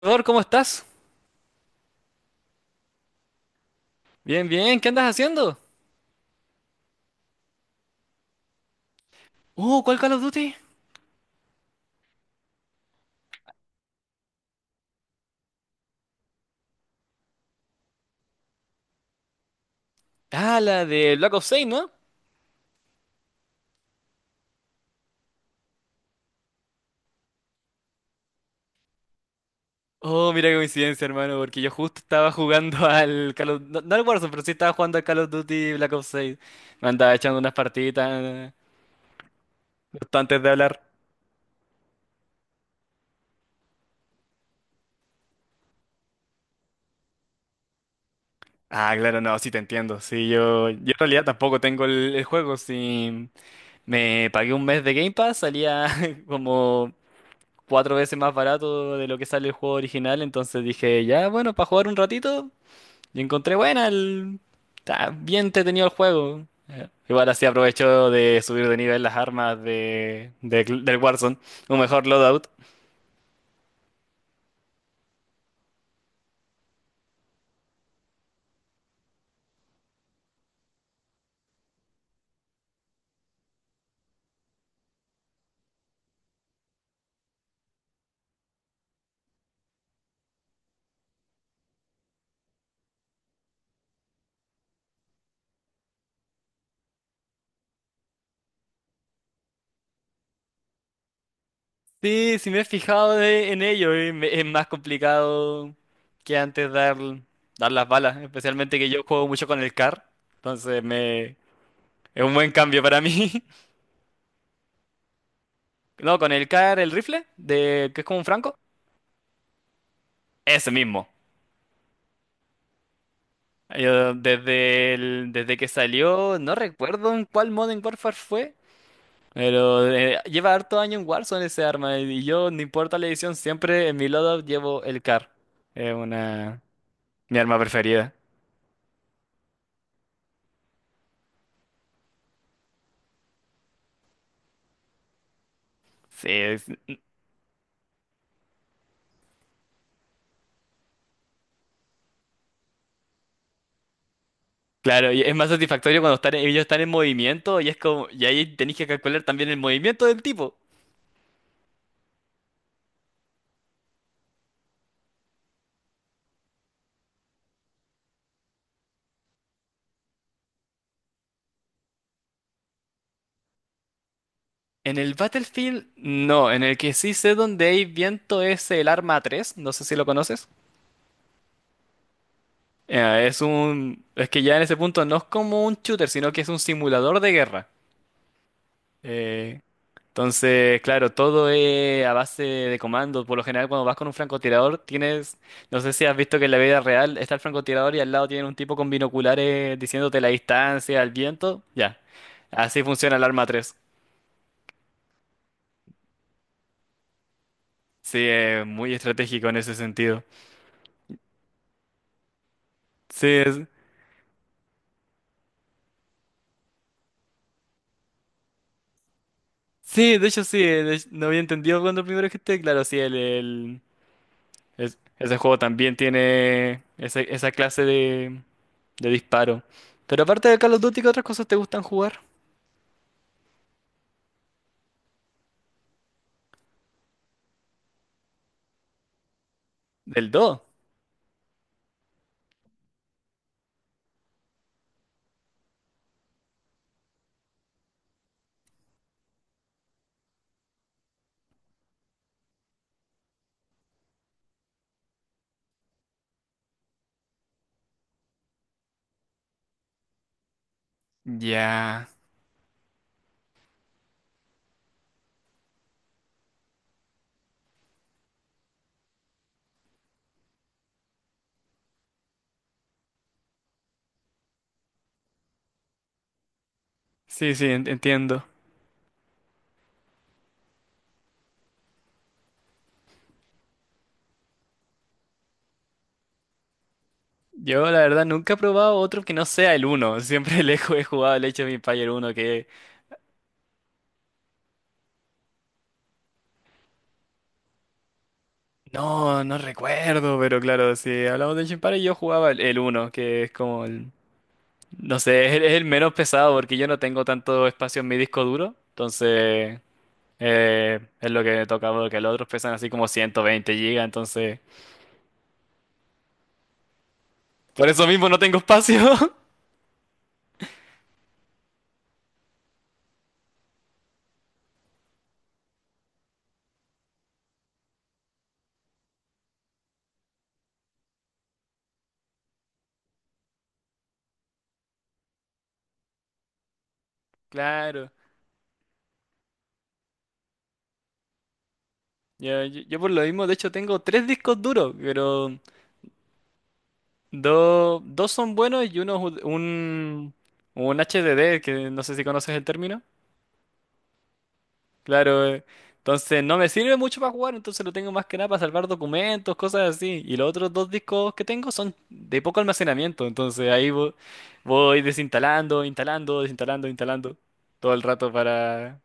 Salvador, ¿cómo estás? Bien, bien, ¿qué andas haciendo? ¿Cuál Call of Duty? Ah, la de Black Ops 6, ¿no? Oh, mira qué coincidencia, hermano, porque yo justo estaba jugando al Call of... No, no al Warzone, pero sí estaba jugando al Call of Duty Black Ops 6. Me andaba echando unas partiditas justo antes de hablar. Ah, claro, no, sí te entiendo. Sí, yo en realidad tampoco tengo el juego. Si me pagué un mes de Game Pass, salía como cuatro veces más barato de lo que sale el juego original. Entonces dije, ya, bueno, para jugar un ratito. Y encontré buena Está bien entretenido el juego. Igual así aprovecho de subir de nivel las armas del Warzone. Un mejor loadout. Sí, sí me he fijado en ello. Es más complicado que antes dar las balas. Especialmente que yo juego mucho con el CAR. Entonces me, es un buen cambio para mí. No, con el CAR, el rifle, de, que es como un franco. Ese mismo. Yo desde, desde que salió, no recuerdo en cuál Modern Warfare fue. Pero lleva harto año en Warzone ese arma y yo, no importa la edición, siempre en mi loadout llevo el CAR. Es una... Mi arma preferida. Sí, claro, y es más satisfactorio cuando están, ellos están en movimiento y es como... Y ahí tenéis que calcular también el movimiento del tipo. En el Battlefield, no. En el que sí sé dónde hay viento es el arma tres, no sé si lo conoces. Es que ya en ese punto no es como un shooter, sino que es un simulador de guerra. Eh, entonces, claro, todo es a base de comandos. Por lo general, cuando vas con un francotirador, tienes, no sé si has visto que en la vida real está el francotirador y al lado tiene un tipo con binoculares diciéndote la distancia, el viento. Ya, así funciona el arma tres. Sí, es muy estratégico en ese sentido. Sí, sí, de hecho, no había entendido cuando primero esté. Claro, sí, ese juego también tiene esa clase de disparo. Pero aparte de Call of Duty, ¿qué otras cosas te gustan jugar? Del do. Ya. Sí, sí, entiendo. Yo la verdad nunca he probado otro que no sea el uno. Siempre he jugado el Age of Empires uno que no, no recuerdo, pero claro, si hablamos de Age of Empires yo jugaba el uno que es como el no sé, es es el menos pesado porque yo no tengo tanto espacio en mi disco duro, entonces es lo que me toca porque los otros pesan así como 120 gigas, entonces por eso mismo no tengo espacio. Claro. Yo por lo mismo, de hecho, tengo tres discos duros, pero dos son buenos y uno es un HDD, que no sé si conoces el término. Claro, entonces no me sirve mucho para jugar, entonces lo tengo más que nada para salvar documentos, cosas así. Y los otros dos discos que tengo son de poco almacenamiento, entonces ahí voy desinstalando, instalando todo el rato para...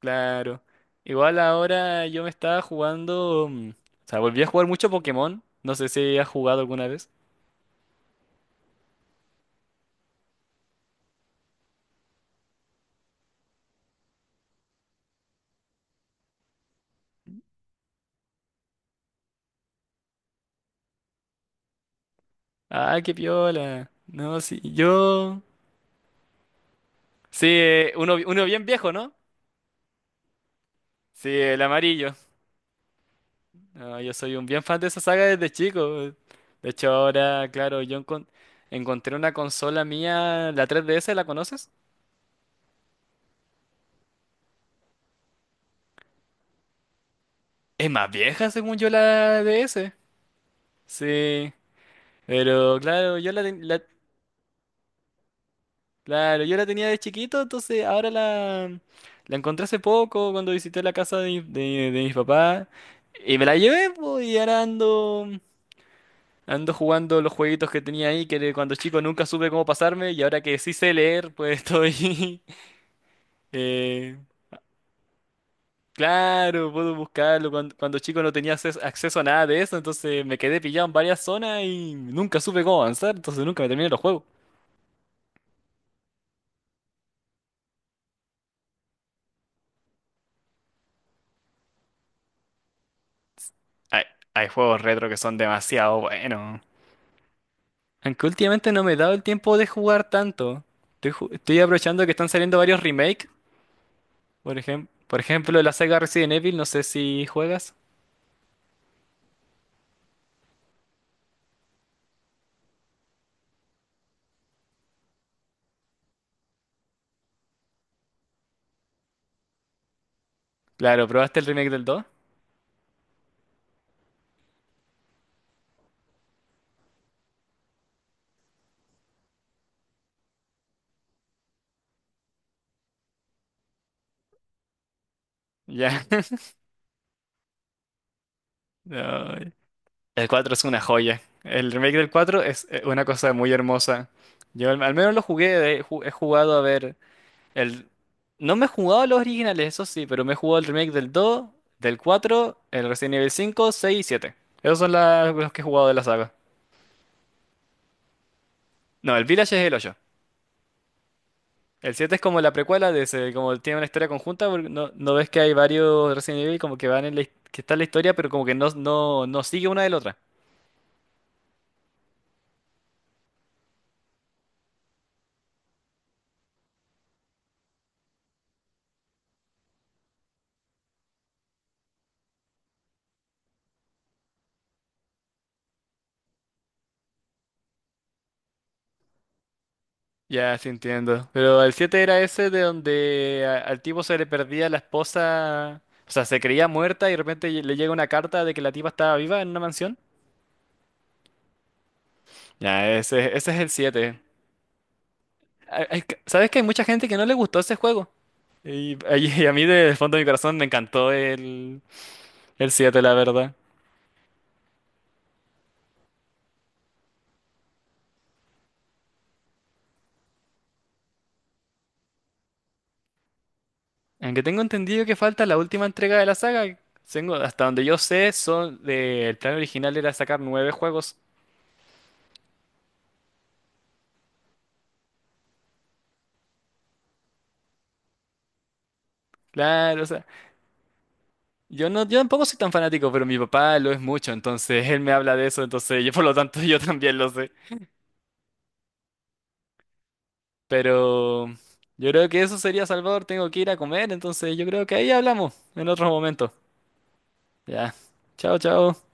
Claro. Igual ahora yo me estaba jugando. O sea, volví a jugar mucho Pokémon. No sé si has jugado alguna vez. Ah, qué piola. No, sí, yo. Sí, uno, uno bien viejo, ¿no? Sí, el amarillo. No, yo soy un bien fan de esa saga desde chico. De hecho, ahora, claro, encontré una consola mía, la 3DS, ¿la conoces? Es más vieja, según yo, la DS. Sí, pero claro, yo la, ten- la- claro, yo la tenía de chiquito, entonces ahora la encontré hace poco cuando visité la casa de, de mis papás y me la llevé, po, y ahora ando, ando jugando los jueguitos que tenía ahí que de cuando chico nunca supe cómo pasarme y ahora que sí sé leer, pues estoy... eh, claro, puedo buscarlo. Cuando chico no tenía acceso a nada de eso, entonces me quedé pillado en varias zonas y nunca supe cómo avanzar, entonces nunca me terminé los juegos. Hay, hay juegos retro que son demasiado buenos. Aunque últimamente no me he dado el tiempo de jugar tanto. Estoy aprovechando que están saliendo varios remakes. Por ejemplo, la saga Resident Evil, no sé si juegas. Claro, ¿probaste el remake del 2? Ya. No, el 4 es una joya. El remake del cuatro es una cosa muy hermosa. Al menos lo jugué, he jugado a ver el... No me he jugado a los originales, eso sí, pero me he jugado el remake del 2, del 4, el Resident Evil 5, 6 y 7. Esos son los que he jugado de la saga. No, el Village es el 8. El 7 es como la precuela de ese, como tiene una historia conjunta, porque no, no ves que hay varios Resident Evil como que van en la, que está en la historia, pero como que no, no, no sigue una de la otra. Ya, sí entiendo. Pero el 7 era ese de donde al tipo se le perdía la esposa, o sea, se creía muerta y de repente le llega una carta de que la tipa estaba viva en una mansión. Ya, ese es el 7. ¿Sabes que hay mucha gente que no le gustó ese juego? Y, y a mí del fondo de mi corazón me encantó el 7, la verdad. Aunque tengo entendido que falta la última entrega de la saga. Tengo, hasta donde yo sé, son el plan original era sacar nueve juegos. Claro, o sea, yo no, yo tampoco soy tan fanático, pero mi papá lo es mucho, entonces él me habla de eso, entonces yo por lo tanto yo también lo sé. Pero yo creo que eso sería, Salvador, tengo que ir a comer, entonces yo creo que ahí hablamos en otro momento. Ya. Chao, chao.